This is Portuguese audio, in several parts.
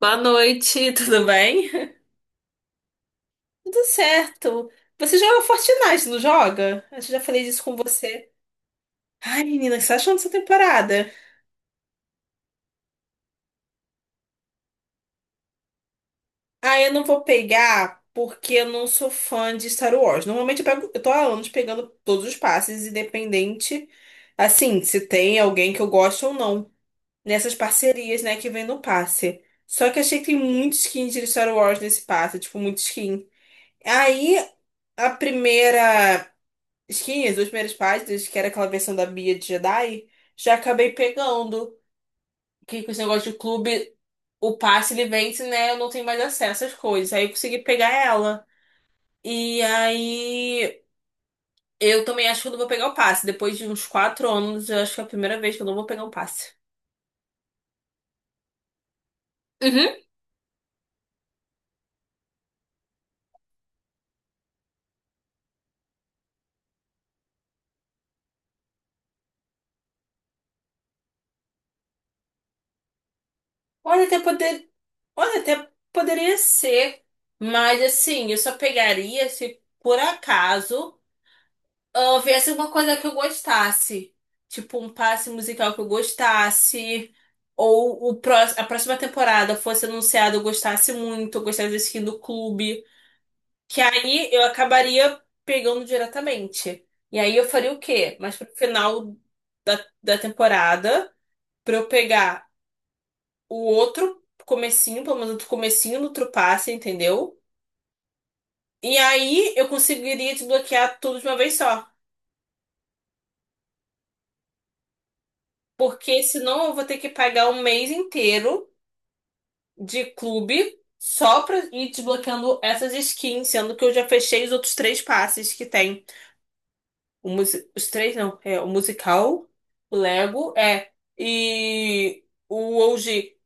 Boa noite, tudo bem? Tudo certo. Você joga Fortnite, não joga? Eu já falei disso com você. Ai, menina, o que você tá achando dessa temporada? Ah, eu não vou pegar porque eu não sou fã de Star Wars. Normalmente eu pego, eu tô há anos pegando todos os passes, independente, assim, se tem alguém que eu gosto ou não. Nessas parcerias, né, que vem no passe. Só que achei que tem muito skin de Star Wars nesse passe, tipo, muito skin. Aí, a primeira. Skin, as duas primeiras páginas, que era aquela versão da Bia de Jedi, já acabei pegando. Que com esse negócio de clube, o passe ele vence, né? Eu não tenho mais acesso às coisas. Aí eu consegui pegar ela. E aí eu também acho que eu não vou pegar o passe. Depois de uns 4 anos, eu acho que é a primeira vez que eu não vou pegar um passe. Uhum. Olha, até poder... Olha, até poderia ser. Mas assim, eu só pegaria se por acaso. Ah, viesse uma coisa que eu gostasse. Tipo, um passe musical que eu gostasse. Ou o pró a próxima temporada fosse anunciada, eu gostasse muito, eu gostasse da skin do clube. Que aí eu acabaria pegando diretamente. E aí eu faria o quê? Mas pro final da temporada, pra eu pegar o outro comecinho, pelo menos outro comecinho no outro passe, entendeu? E aí eu conseguiria desbloquear tudo de uma vez só. Porque senão eu vou ter que pagar um mês inteiro de clube só pra ir desbloqueando essas skins, sendo que eu já fechei os outros três passes que tem. Os três não, é o musical, o Lego, e o OG.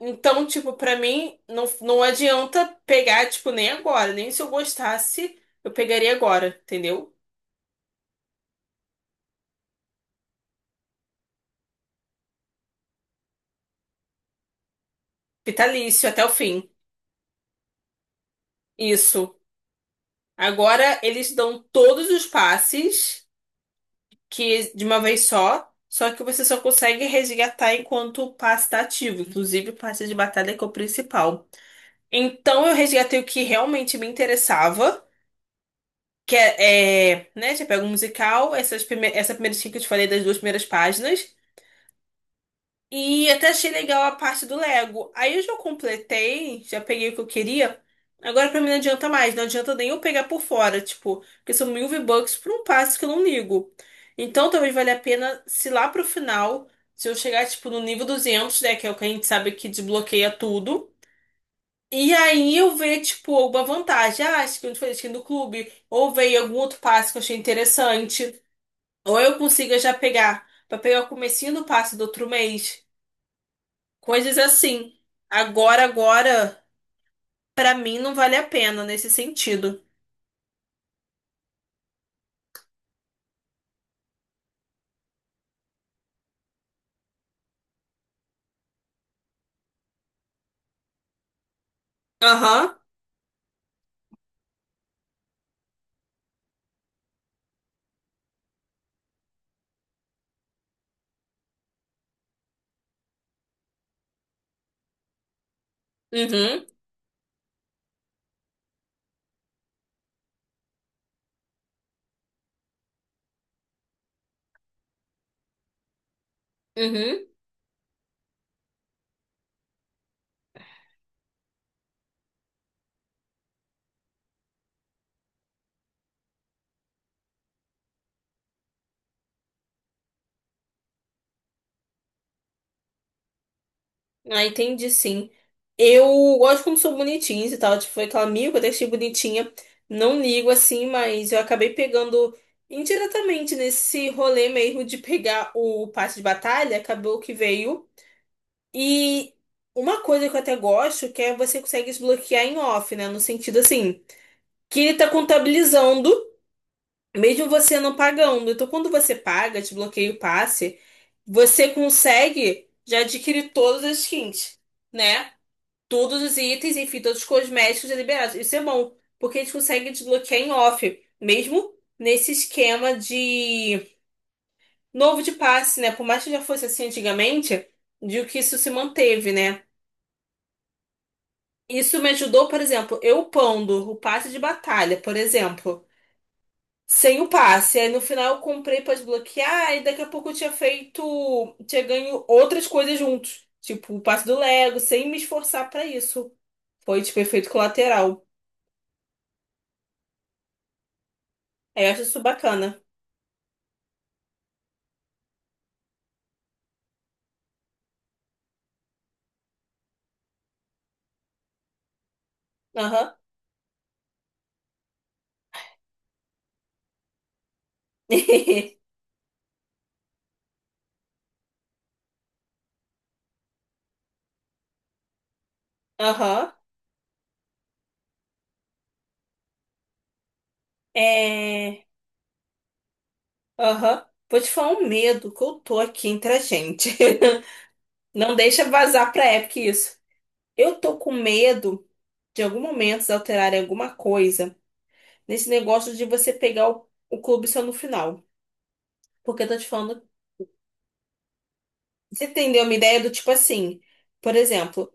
Então, tipo, pra mim, não adianta pegar, tipo, nem agora. Nem se eu gostasse, eu pegaria agora, entendeu? Vitalício até o fim. Isso. Agora eles dão todos os passes, que de uma vez só, só que você só consegue resgatar enquanto o passe tá ativo. Inclusive, o passe de batalha que é o principal. Então, eu resgatei o que realmente me interessava, que é, né, já pego o musical, essa primeira skin que eu te falei das duas primeiras páginas. E até achei legal a parte do Lego. Aí eu já completei, já peguei o que eu queria. Agora pra mim não adianta mais, não adianta nem eu pegar por fora, tipo, porque são 1000 V-Bucks por um passo que eu não ligo. Então talvez valha a pena se lá pro final, se eu chegar, tipo, no nível 200, né, que é o que a gente sabe que desbloqueia tudo. E aí eu ver, tipo, alguma vantagem. Ah, acho que eu falei, skin do clube. Ou veio algum outro passo que eu achei interessante. Ou eu consiga já pegar, pra pegar o comecinho do passo do outro mês. Coisas assim. Agora, pra mim não vale a pena nesse sentido. Aham, uhum, uhum. Ah, entendi, sim. Eu gosto como sou bonitinha e tal. Tipo, foi aquela amiga que eu deixei bonitinha. Não ligo assim, mas eu acabei pegando indiretamente nesse rolê mesmo de pegar o passe de batalha. Acabou que veio. E uma coisa que eu até gosto que é você consegue desbloquear em off, né? No sentido assim, que ele tá contabilizando. Mesmo você não pagando. Então, quando você paga, te bloqueia o passe, você consegue já adquirir todas as skins, né? Todos os itens, enfim, todos os cosméticos já liberados. Isso é bom, porque a gente consegue desbloquear em off, mesmo nesse esquema de novo de passe, né? Por mais que já fosse assim antigamente, de que isso se manteve, né? Isso me ajudou, por exemplo, eu upando o passe de batalha, por exemplo, sem o passe. Aí no final eu comprei pra desbloquear e daqui a pouco eu tinha feito, tinha ganho outras coisas juntos. Tipo, o passe do Lego, sem me esforçar pra isso. Foi, tipo, efeito colateral. Aí eu acho isso bacana. Aham. Aham. É. Aham. Vou te falar um medo que eu tô aqui entre a gente. Não deixa vazar pra Epic isso. Eu tô com medo de em algum momento eles alterarem alguma coisa nesse negócio de você pegar o clube só no final. Porque eu tô te falando. Você entendeu uma ideia do tipo assim, por exemplo,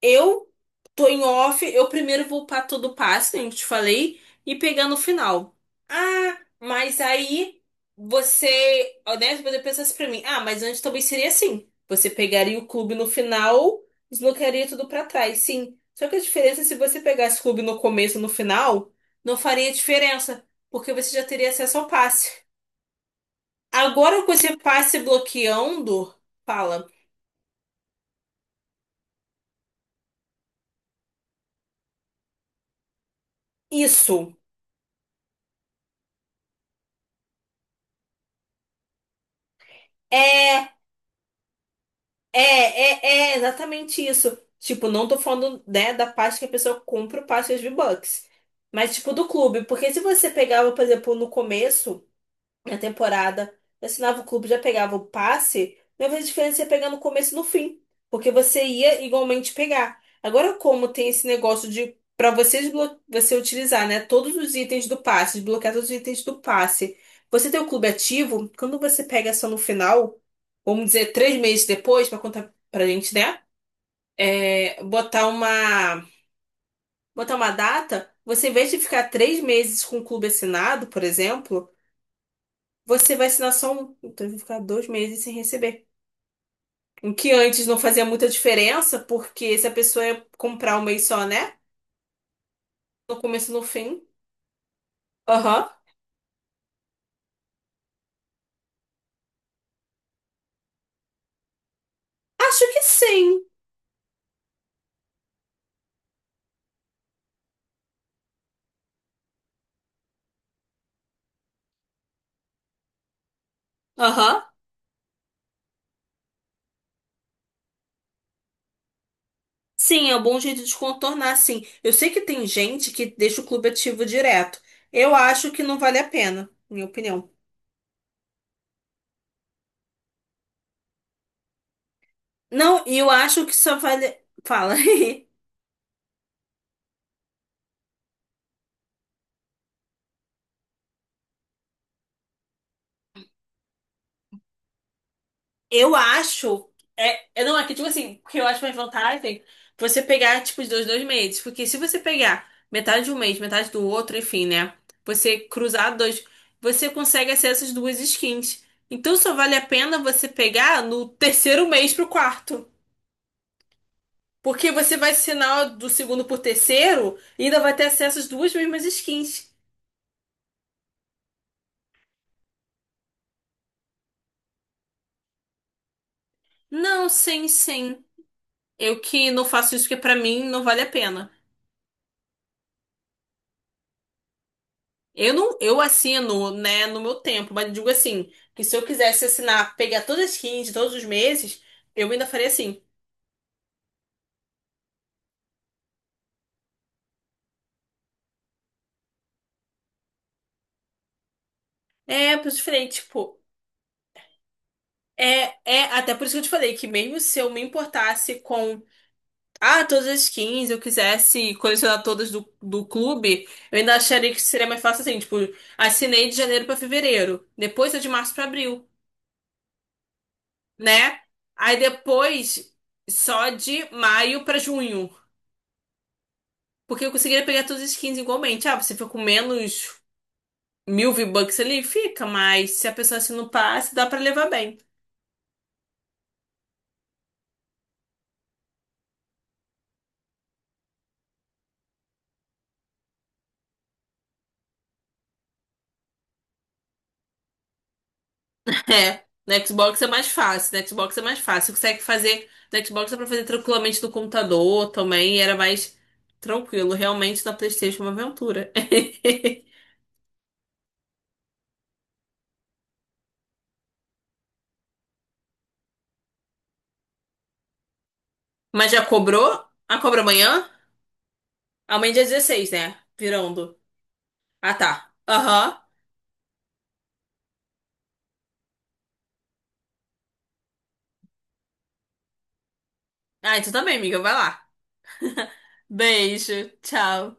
eu tô em off, eu primeiro vou pra todo passo, como eu te falei, e pegar no final. Ah, mas aí você, né, você pensasse pra mim, ah, mas antes também seria assim. Você pegaria o clube no final, desbloquearia tudo pra trás, sim. Só que a diferença é se você pegasse o clube no começo e no final, não faria diferença, porque você já teria acesso ao passe. Agora com esse passe bloqueando, fala, isso. É, é, é, é exatamente isso. Tipo, não tô falando, né, da parte que a pessoa compra o passe de V-Bucks. Mas, tipo, do clube. Porque se você pegava, por exemplo, no começo na temporada. Eu assinava o clube, já pegava o passe. Mas a diferença é pegar no começo e no fim. Porque você ia igualmente pegar. Agora, como tem esse negócio de para você, você utilizar, né, todos os itens do passe, desbloquear todos os itens do passe. Você tem o clube ativo, quando você pega só no final, vamos dizer, 3 meses depois, para contar pra gente, né? É, botar uma data, você em vez de ficar 3 meses com o clube assinado, por exemplo. Você vai assinar só um. Então, eu vou ficar 2 meses sem receber. O que antes não fazia muita diferença, porque se a pessoa ia comprar um mês só, né? No começo e no fim. Aham. Acho que sim. Aham. Sim, é um bom jeito de contornar, sim. Eu sei que tem gente que deixa o clube ativo direto. Eu acho que não vale a pena, minha opinião. Não, e eu acho que só vale. Fala. Eu acho. É, não, é que, tipo assim, porque eu acho mais vantagem você pegar, tipo, os dois meses. Porque se você pegar metade de um mês, metade do outro, enfim, né? Você cruzar dois, você consegue acesso às duas skins. Então só vale a pena você pegar no terceiro mês pro quarto. Porque você vai assinar do segundo pro terceiro e ainda vai ter acesso às duas mesmas skins. Não, sim, sim. Eu que não faço isso porque pra mim não vale a pena. Eu não, eu assino, né, no meu tempo, mas digo assim, que se eu quisesse assinar, pegar todas as skins de todos os meses, eu ainda faria assim. É, por diferente, tipo, é, até por isso que eu te falei que mesmo se eu me importasse com, ah, todas as skins eu quisesse colecionar todas do clube, eu ainda acharia que seria mais fácil assim, tipo, assinei de janeiro pra fevereiro, depois é de março pra abril, né? Aí depois só de maio pra junho. Porque eu conseguiria pegar todas as skins igualmente. Ah, você fica com menos 1000 V-Bucks ali? Fica, mas se a pessoa assina o passe, dá pra levar bem. É, no Xbox é mais fácil, no Xbox é mais fácil. Você consegue fazer, no Xbox dá pra fazer tranquilamente no computador também, e era mais tranquilo. Realmente na PlayStation é uma aventura. Mas já cobrou? Ah, cobra amanhã? Amanhã é dia 16, né? Virando. Ah, tá. Aham. Ah, então também, amiga, vai lá. Beijo, tchau.